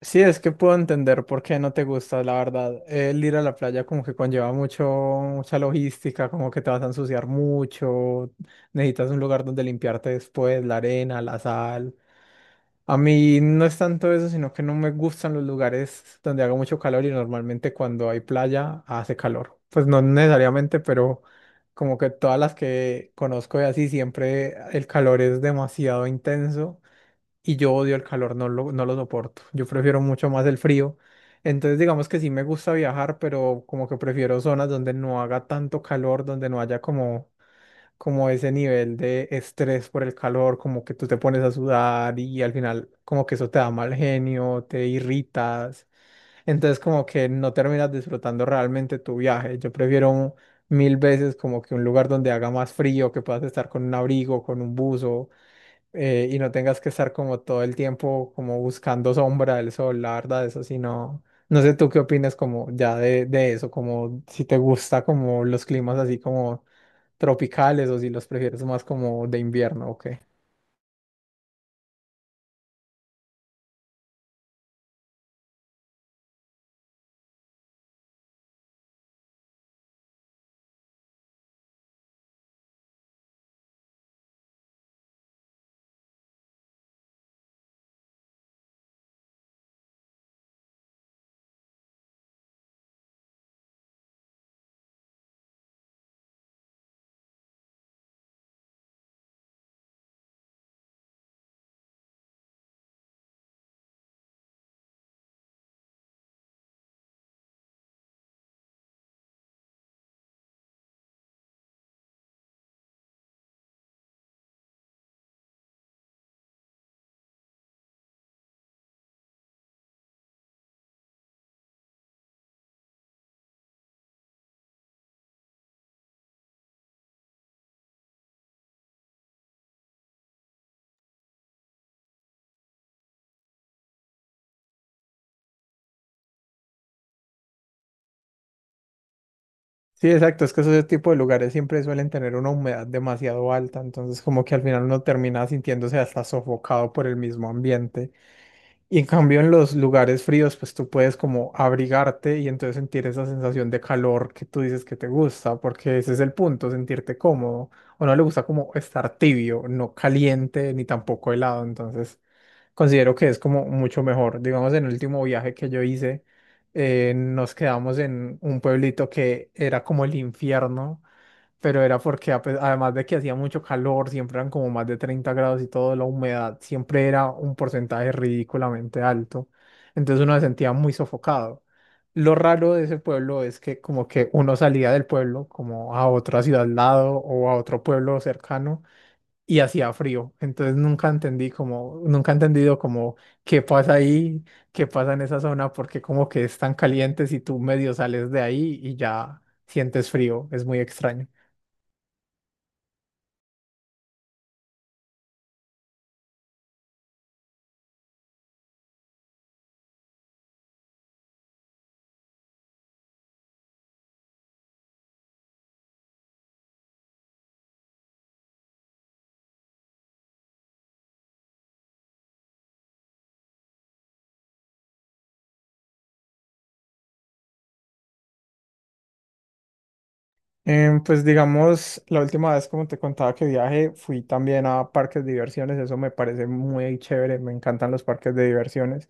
Sí, es que puedo entender por qué no te gusta, la verdad. El ir a la playa como que conlleva mucha logística, como que te vas a ensuciar mucho, necesitas un lugar donde limpiarte después, la arena, la sal. A mí no es tanto eso, sino que no me gustan los lugares donde haga mucho calor y normalmente cuando hay playa hace calor. Pues no necesariamente, pero como que todas las que conozco y así siempre el calor es demasiado intenso y yo odio el calor, no lo soporto. Yo prefiero mucho más el frío. Entonces, digamos que sí me gusta viajar, pero como que prefiero zonas donde no haga tanto calor, donde no haya como, como ese nivel de estrés por el calor, como que tú te pones a sudar y al final como que eso te da mal genio, te irritas. Entonces, como que no terminas disfrutando realmente tu viaje. Yo prefiero mil veces como que un lugar donde haga más frío, que puedas estar con un abrigo, con un buzo, y no tengas que estar como todo el tiempo como buscando sombra del sol, la verdad, eso sí no, no sé tú qué opinas como ya de eso, como si te gusta como los climas así como tropicales o si los prefieres más como de invierno o qué. Sí, exacto, es que esos tipo de lugares siempre suelen tener una humedad demasiado alta, entonces como que al final uno termina sintiéndose hasta sofocado por el mismo ambiente. Y en cambio en los lugares fríos, pues tú puedes como abrigarte y entonces sentir esa sensación de calor que tú dices que te gusta, porque ese es el punto, sentirte cómodo. O no le gusta como estar tibio, no caliente ni tampoco helado. Entonces considero que es como mucho mejor. Digamos, en el último viaje que yo hice, nos quedamos en un pueblito que era como el infierno, pero era porque además de que hacía mucho calor, siempre eran como más de 30 grados y todo, la humedad siempre era un porcentaje ridículamente alto. Entonces uno se sentía muy sofocado. Lo raro de ese pueblo es que como que uno salía del pueblo como a otra ciudad al lado o a otro pueblo cercano y hacía frío. Entonces nunca he entendido como qué pasa ahí, qué pasa en esa zona, porque como que es tan caliente si tú medio sales de ahí y ya sientes frío. Es muy extraño. Pues digamos, la última vez, como te contaba que viaje, fui también a parques de diversiones, eso me parece muy chévere, me encantan los parques de diversiones.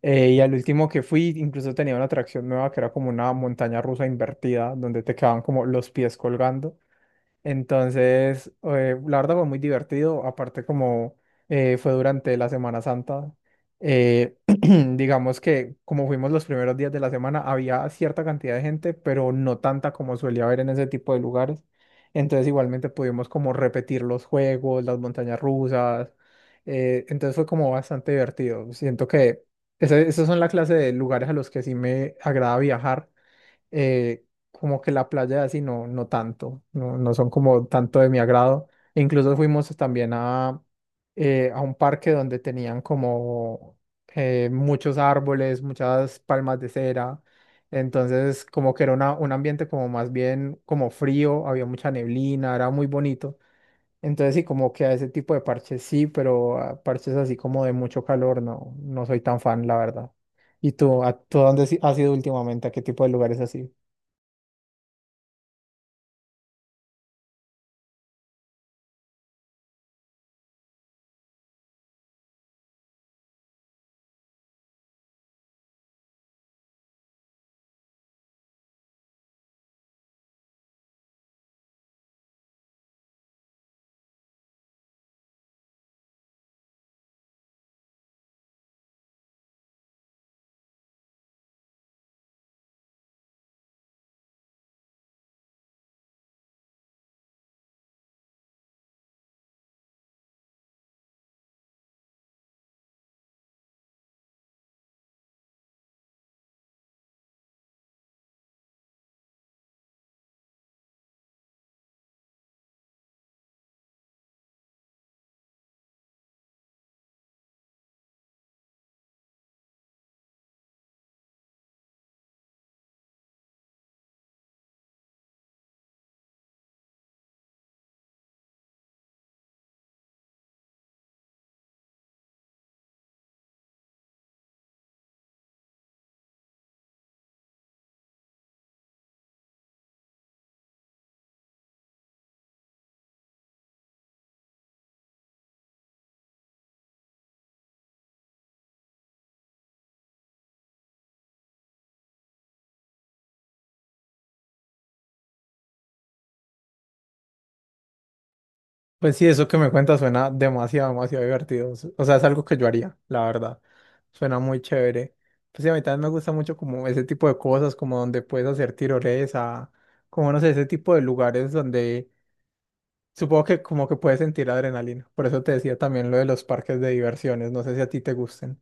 Y al último que fui, incluso tenía una atracción nueva que era como una montaña rusa invertida, donde te quedaban como los pies colgando. Entonces, la verdad fue muy divertido, aparte como fue durante la Semana Santa, eh, digamos que como fuimos los primeros días de la semana, había cierta cantidad de gente, pero no tanta como suele haber en ese tipo de lugares. Entonces, igualmente pudimos como repetir los juegos, las montañas rusas. Entonces fue como bastante divertido. Siento que esos son la clase de lugares a los que sí me agrada viajar, eh, como que la playa así no, no tanto, no, no son como tanto de mi agrado. E incluso fuimos también a un parque donde tenían como muchos árboles, muchas palmas de cera. Entonces como que era un ambiente como más bien como frío, había mucha neblina, era muy bonito. Entonces sí, como que a ese tipo de parches sí, pero a parches así como de mucho calor, no, no soy tan fan, la verdad. ¿Y tú, tú dónde has ido últimamente? ¿A qué tipo de lugares así? Pues sí, eso que me cuentas suena demasiado, demasiado divertido. O sea, es algo que yo haría, la verdad. Suena muy chévere. Pues sí, a mí también me gusta mucho como ese tipo de cosas, como donde puedes hacer tirolesa, como no sé, ese tipo de lugares donde supongo que como que puedes sentir adrenalina. Por eso te decía también lo de los parques de diversiones. No sé si a ti te gusten.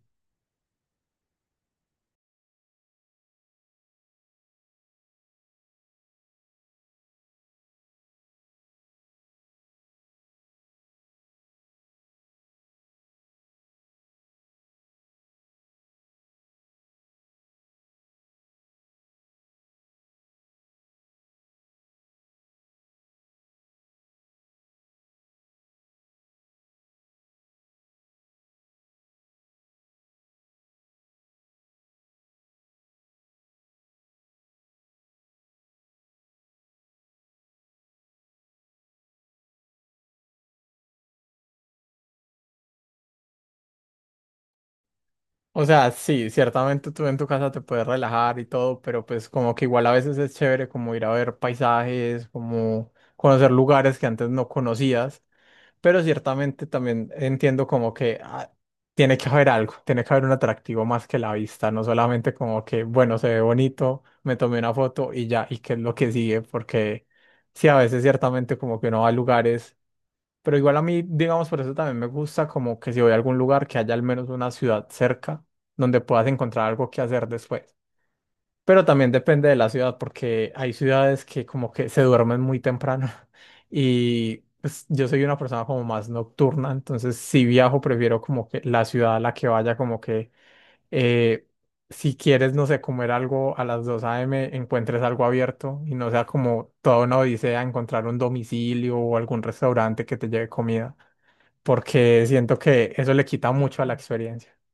O sea, sí, ciertamente tú en tu casa te puedes relajar y todo, pero pues como que igual a veces es chévere como ir a ver paisajes, como conocer lugares que antes no conocías. Pero ciertamente también entiendo como que ah, tiene que haber algo, tiene que haber un atractivo más que la vista, no solamente como que, bueno, se ve bonito, me tomé una foto y ya, y qué es lo que sigue, porque sí, a veces ciertamente como que uno va a lugares, pero igual a mí, digamos, por eso también me gusta como que si voy a algún lugar, que haya al menos una ciudad cerca donde puedas encontrar algo que hacer después. Pero también depende de la ciudad, porque hay ciudades que como que se duermen muy temprano y pues, yo soy una persona como más nocturna, entonces si viajo prefiero como que la ciudad a la que vaya, como que eh, si quieres, no sé, comer algo a las 2 a.m., encuentres algo abierto y no sea como toda una odisea encontrar un domicilio o algún restaurante que te lleve comida, porque siento que eso le quita mucho a la experiencia.